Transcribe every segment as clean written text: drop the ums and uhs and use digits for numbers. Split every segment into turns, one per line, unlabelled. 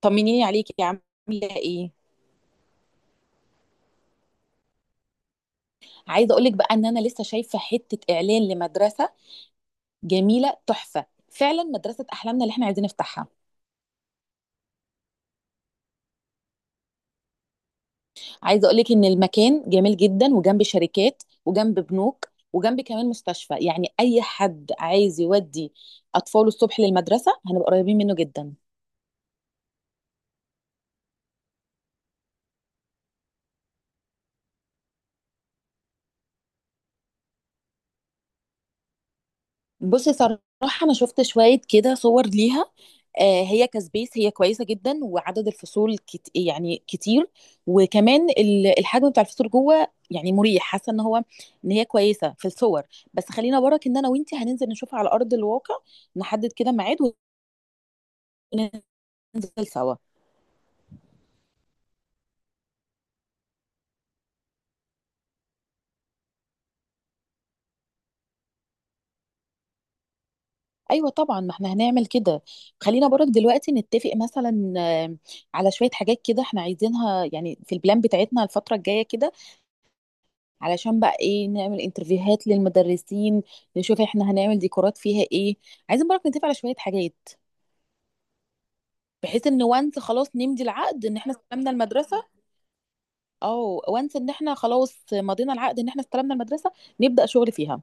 طمنيني عليكي عامله ايه؟ عايزه اقولك بقى ان انا لسه شايفه حته اعلان لمدرسه جميله تحفه، فعلا مدرسه احلامنا اللي احنا عايزين نفتحها. عايزه اقولك ان المكان جميل جدا، وجنب شركات وجنب بنوك وجنب كمان مستشفى، يعني اي حد عايز يودي اطفاله الصبح للمدرسه هنبقى قريبين منه جدا. بصي صراحه انا شفت شويه كده صور ليها، هي كسبيس، هي كويسه جدا وعدد الفصول يعني كتير. وكمان الحجم بتاع الفصول جوه يعني مريح، حاسه ان هي كويسه في الصور. بس خلينا وراك، ان انا وانتي هننزل نشوفها على ارض الواقع، نحدد كده ميعاد وننزل سوا. ايوه طبعا، ما احنا هنعمل كده. خلينا برك دلوقتي نتفق مثلا، على شويه حاجات كده احنا عايزينها يعني في البلان بتاعتنا الفتره الجايه كده، علشان بقى ايه، نعمل انترفيوهات للمدرسين، نشوف احنا هنعمل ديكورات فيها ايه. عايزين برضه نتفق على شويه حاجات، بحيث ان وانس خلاص نمضي العقد ان احنا استلمنا المدرسه، او وانس ان احنا خلاص مضينا العقد ان احنا استلمنا المدرسه، نبدا شغل فيها.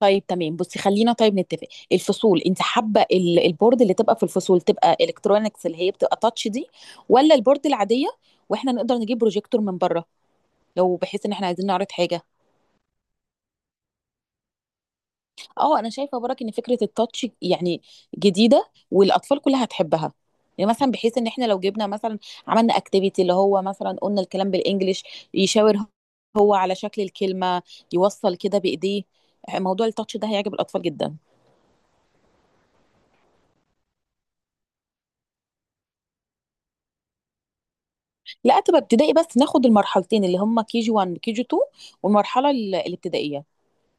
طيب تمام، بصي خلينا طيب نتفق، الفصول انت حابه البورد اللي تبقى في الفصول تبقى الكترونكس اللي هي بتبقى تاتش دي، ولا البورد العاديه واحنا نقدر نجيب بروجيكتور من بره لو بحيث ان احنا عايزين نعرض حاجه؟ اه انا شايفه برك ان فكره التاتش يعني جديده والاطفال كلها هتحبها. يعني مثلا بحيث ان احنا لو جبنا مثلا، عملنا اكتيفيتي اللي هو مثلا قلنا الكلام بالانجلش، يشاور هو على شكل الكلمه، يوصل كده بايديه، موضوع التاتش ده هيعجب الاطفال جدا. لا تبقى ابتدائي بس، ناخد المرحلتين اللي هم كي جي 1 وكي جي 2 والمرحله الابتدائيه،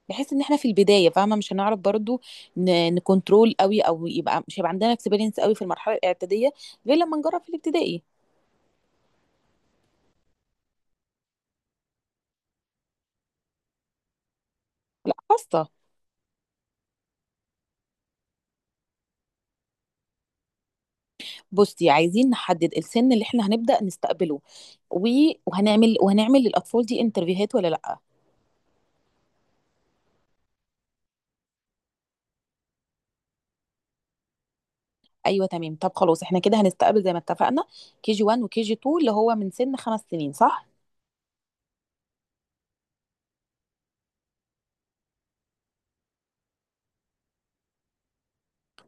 بحيث ان احنا في البدايه فاهمه مش هنعرف برضو نكنترول قوي، او يبقى مش هيبقى عندنا اكسبيرينس قوي في المرحله الاعداديه غير لما نجرب في الابتدائي. لا خاصه. بصي عايزين نحدد السن اللي احنا هنبدأ نستقبله، و... وهنعمل للأطفال دي انترفيوهات ولا لأ. أيوة تمام، طب خلاص احنا كده هنستقبل زي ما اتفقنا كي جي 1 وكي جي 2، اللي هو من سن 5 سنين، صح؟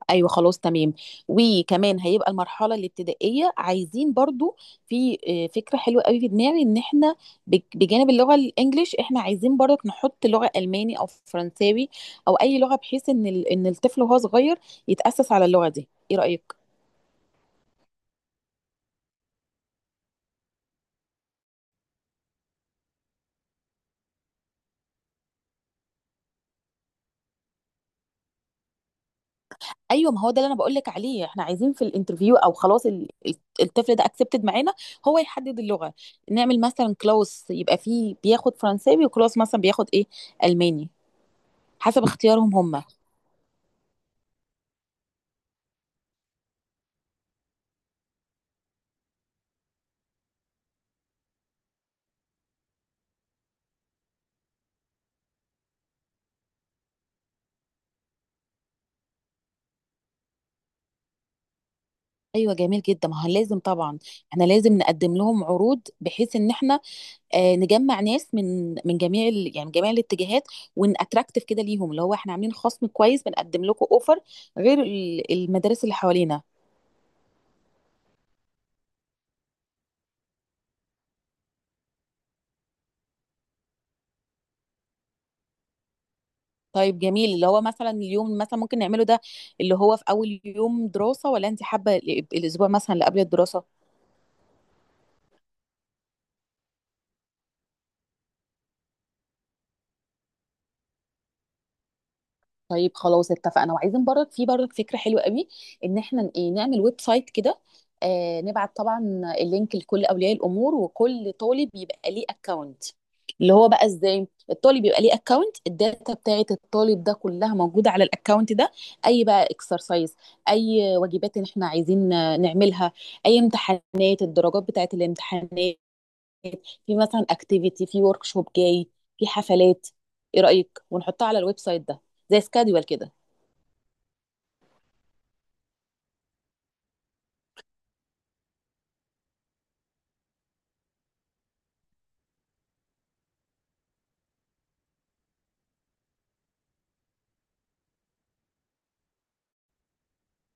ايوه خلاص تمام. وكمان هيبقى المرحله الابتدائيه، عايزين برضو، في فكره حلوه قوي في دماغي ان احنا بجانب اللغه الانجليش احنا عايزين برضك نحط لغه الماني او فرنساوي، او اي لغه بحيث ان الطفل وهو صغير يتاسس على اللغه دي. ايه رايك؟ ايوه ما هو ده اللي انا بقول لك عليه، احنا عايزين في الانترفيو او خلاص الطفل ده اكسبتد معانا، هو يحدد اللغه. نعمل مثلا كلاس يبقى فيه بياخد فرنساوي، وكلاس مثلا بياخد ايه، الماني، حسب اختيارهم هم. ايوه جميل جدا، ما هو لازم طبعا احنا لازم نقدم لهم عروض، بحيث ان احنا نجمع ناس من جميع يعني جميع الاتجاهات، وان اتراكتيف كده ليهم، اللي هو احنا عاملين خصم كويس، بنقدم لكم اوفر غير المدارس اللي حوالينا. طيب جميل، اللي هو مثلا اليوم مثلا ممكن نعمله ده، اللي هو في اول يوم دراسة، ولا انت حابة الاسبوع مثلا اللي قبل الدراسة؟ طيب خلاص اتفقنا. وعايزين برضك، في برضك فكرة حلوة قوي، ان احنا ايه، نعمل ويب سايت كده، نبعت طبعا اللينك لكل اولياء الامور، وكل طالب يبقى ليه اكونت. اللي هو بقى ازاي الطالب يبقى ليه اكونت، الداتا بتاعه الطالب ده كلها موجودة على الاكونت ده، اي بقى اكسرسايز، اي واجبات ان احنا عايزين نعملها، اي امتحانات، الدرجات بتاعه الامتحانات، في مثلا اكتيفيتي، في ورك شوب جاي، في حفلات. ايه رأيك ونحطها على الويب سايت ده، زي سكادول كده؟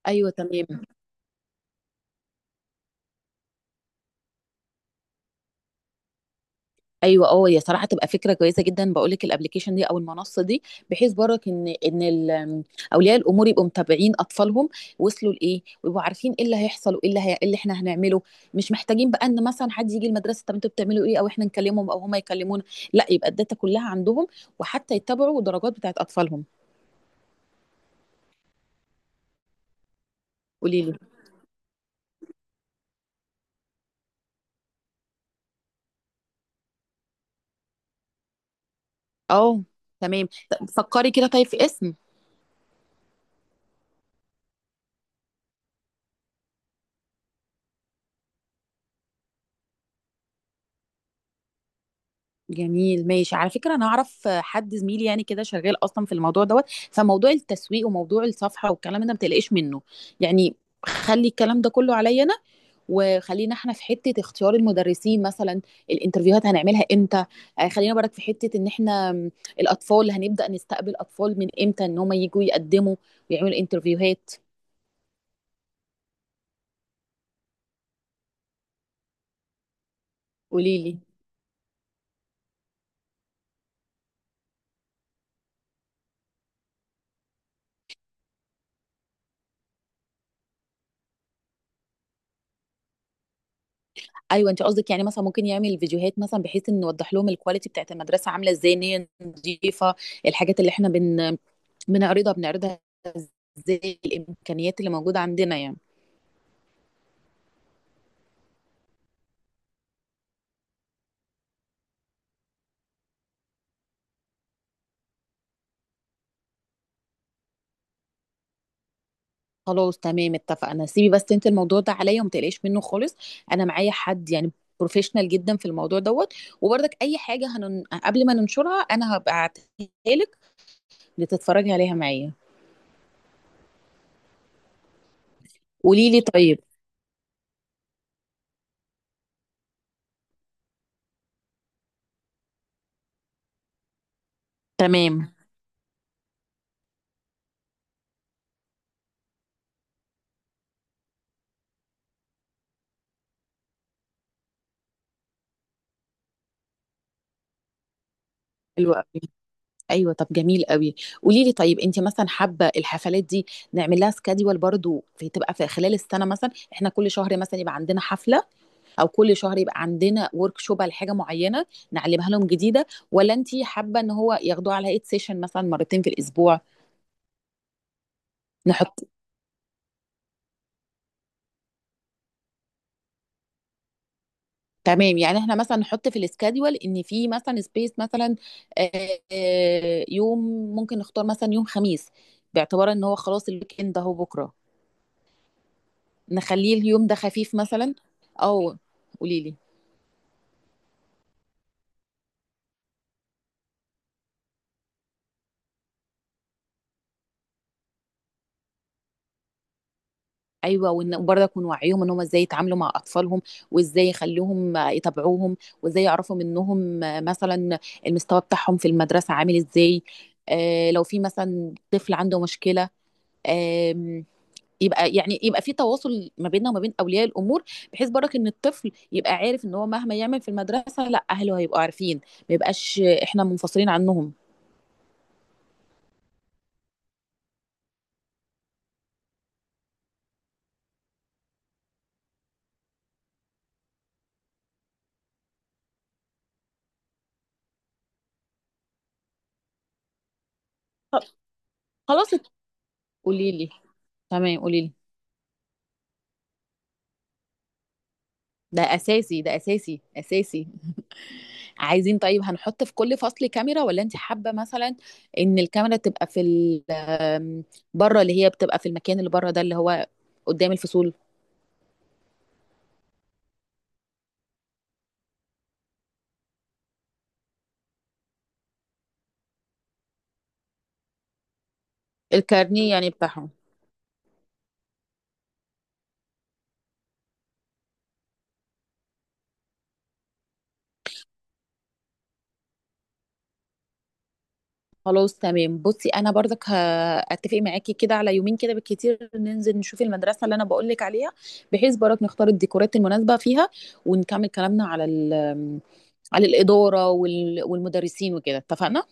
ايوه تمام. ايوه اه، هي صراحه تبقى فكره كويسه جدا، بقول لك الابلكيشن دي او المنصه دي، بحيث برك اولياء الامور يبقوا متابعين اطفالهم، وصلوا لايه، ويبقوا عارفين ايه اللي هيحصل، وايه إيه اللي احنا هنعمله. مش محتاجين بقى ان مثلا حد يجي المدرسه، طب انتوا بتعملوا ايه، او احنا نكلمهم او هما يكلمونا، لا يبقى الداتا كلها عندهم، وحتى يتبعوا الدرجات بتاعت اطفالهم. قولي لي. اه تمام، طب فكري كده طيب في اسم. جميل ماشي. على فكرة أنا أعرف حد زميلي يعني كده شغال أصلا في الموضوع دوت، فموضوع التسويق وموضوع الصفحة والكلام ده ما تقلقش منه يعني، خلي الكلام ده كله عليا أنا. وخلينا احنا في حتة اختيار المدرسين مثلا، الانترفيوهات هنعملها امتى، خلينا برك في حتة ان احنا الأطفال هنبدأ نستقبل أطفال من امتى، ان هم يجوا يقدموا ويعملوا انترفيوهات. قوليلي. ايوه انت قصدك يعني مثلا ممكن يعمل فيديوهات، مثلا بحيث ان نوضح لهم الكواليتي بتاعت المدرسه عامله ازاي، ان هي نظيفه، الحاجات اللي احنا بنعرضها ازاي، الامكانيات اللي موجوده عندنا يعني. خلاص تمام اتفقنا، سيبي بس انت الموضوع ده عليا وما تقلقيش منه خالص، انا معايا حد يعني بروفيشنال جدا في الموضوع دوت. وبرضك اي حاجه قبل ما ننشرها انا هبعتها لك لتتفرجي عليها معايا. قولي لي طيب. تمام. حلو قوي. ايوه طب جميل قوي. قولي لي طيب، انت مثلا حابه الحفلات دي نعمل لها سكادول برضو، في تبقى في خلال السنه مثلا احنا كل شهر مثلا يبقى عندنا حفله، او كل شهر يبقى عندنا ورك شوب على حاجه معينه نعلمها لهم جديده، ولا انت حابه ان هو ياخدوها على ايد سيشن مثلا مرتين في الاسبوع؟ نحط تمام، يعني احنا مثلا نحط في السكادول ان في مثلا سبيس مثلا، آه، يوم، ممكن نختار مثلا يوم خميس باعتبار ان هو خلاص الويك اند اهو بكره، نخليه اليوم ده خفيف مثلا، او... قولي لي. ايوه، وان برضه يكون وعيهم ان هم ازاي يتعاملوا مع اطفالهم، وازاي يخلوهم يتابعوهم، وازاي يعرفوا منهم مثلا المستوى بتاعهم في المدرسه عامل ازاي، آه لو في مثلا طفل عنده مشكله، آم، يبقى يعني يبقى في تواصل ما بيننا وما بين اولياء الامور، بحيث برضك ان الطفل يبقى عارف ان هو مهما يعمل في المدرسه لا اهله هيبقوا عارفين، ما يبقاش احنا منفصلين عنهم. خلاص. قولي لي. تمام قولي لي. ده اساسي، ده اساسي اساسي. عايزين طيب هنحط في كل فصل كاميرا، ولا انت حابة مثلا ان الكاميرا تبقى في ال- آمم، بره، اللي هي بتبقى في المكان اللي بره ده اللي هو قدام الفصول؟ الكارنيه يعني بتاعهم. خلاص تمام. بصي انا برضك هاتفق معاكي كده على يومين كده بالكتير، ننزل نشوف المدرسة اللي انا بقول لك عليها، بحيث برضك نختار الديكورات المناسبة فيها، ونكمل كلامنا على ال- آمم، على الإدارة والمدرسين وكده، اتفقنا.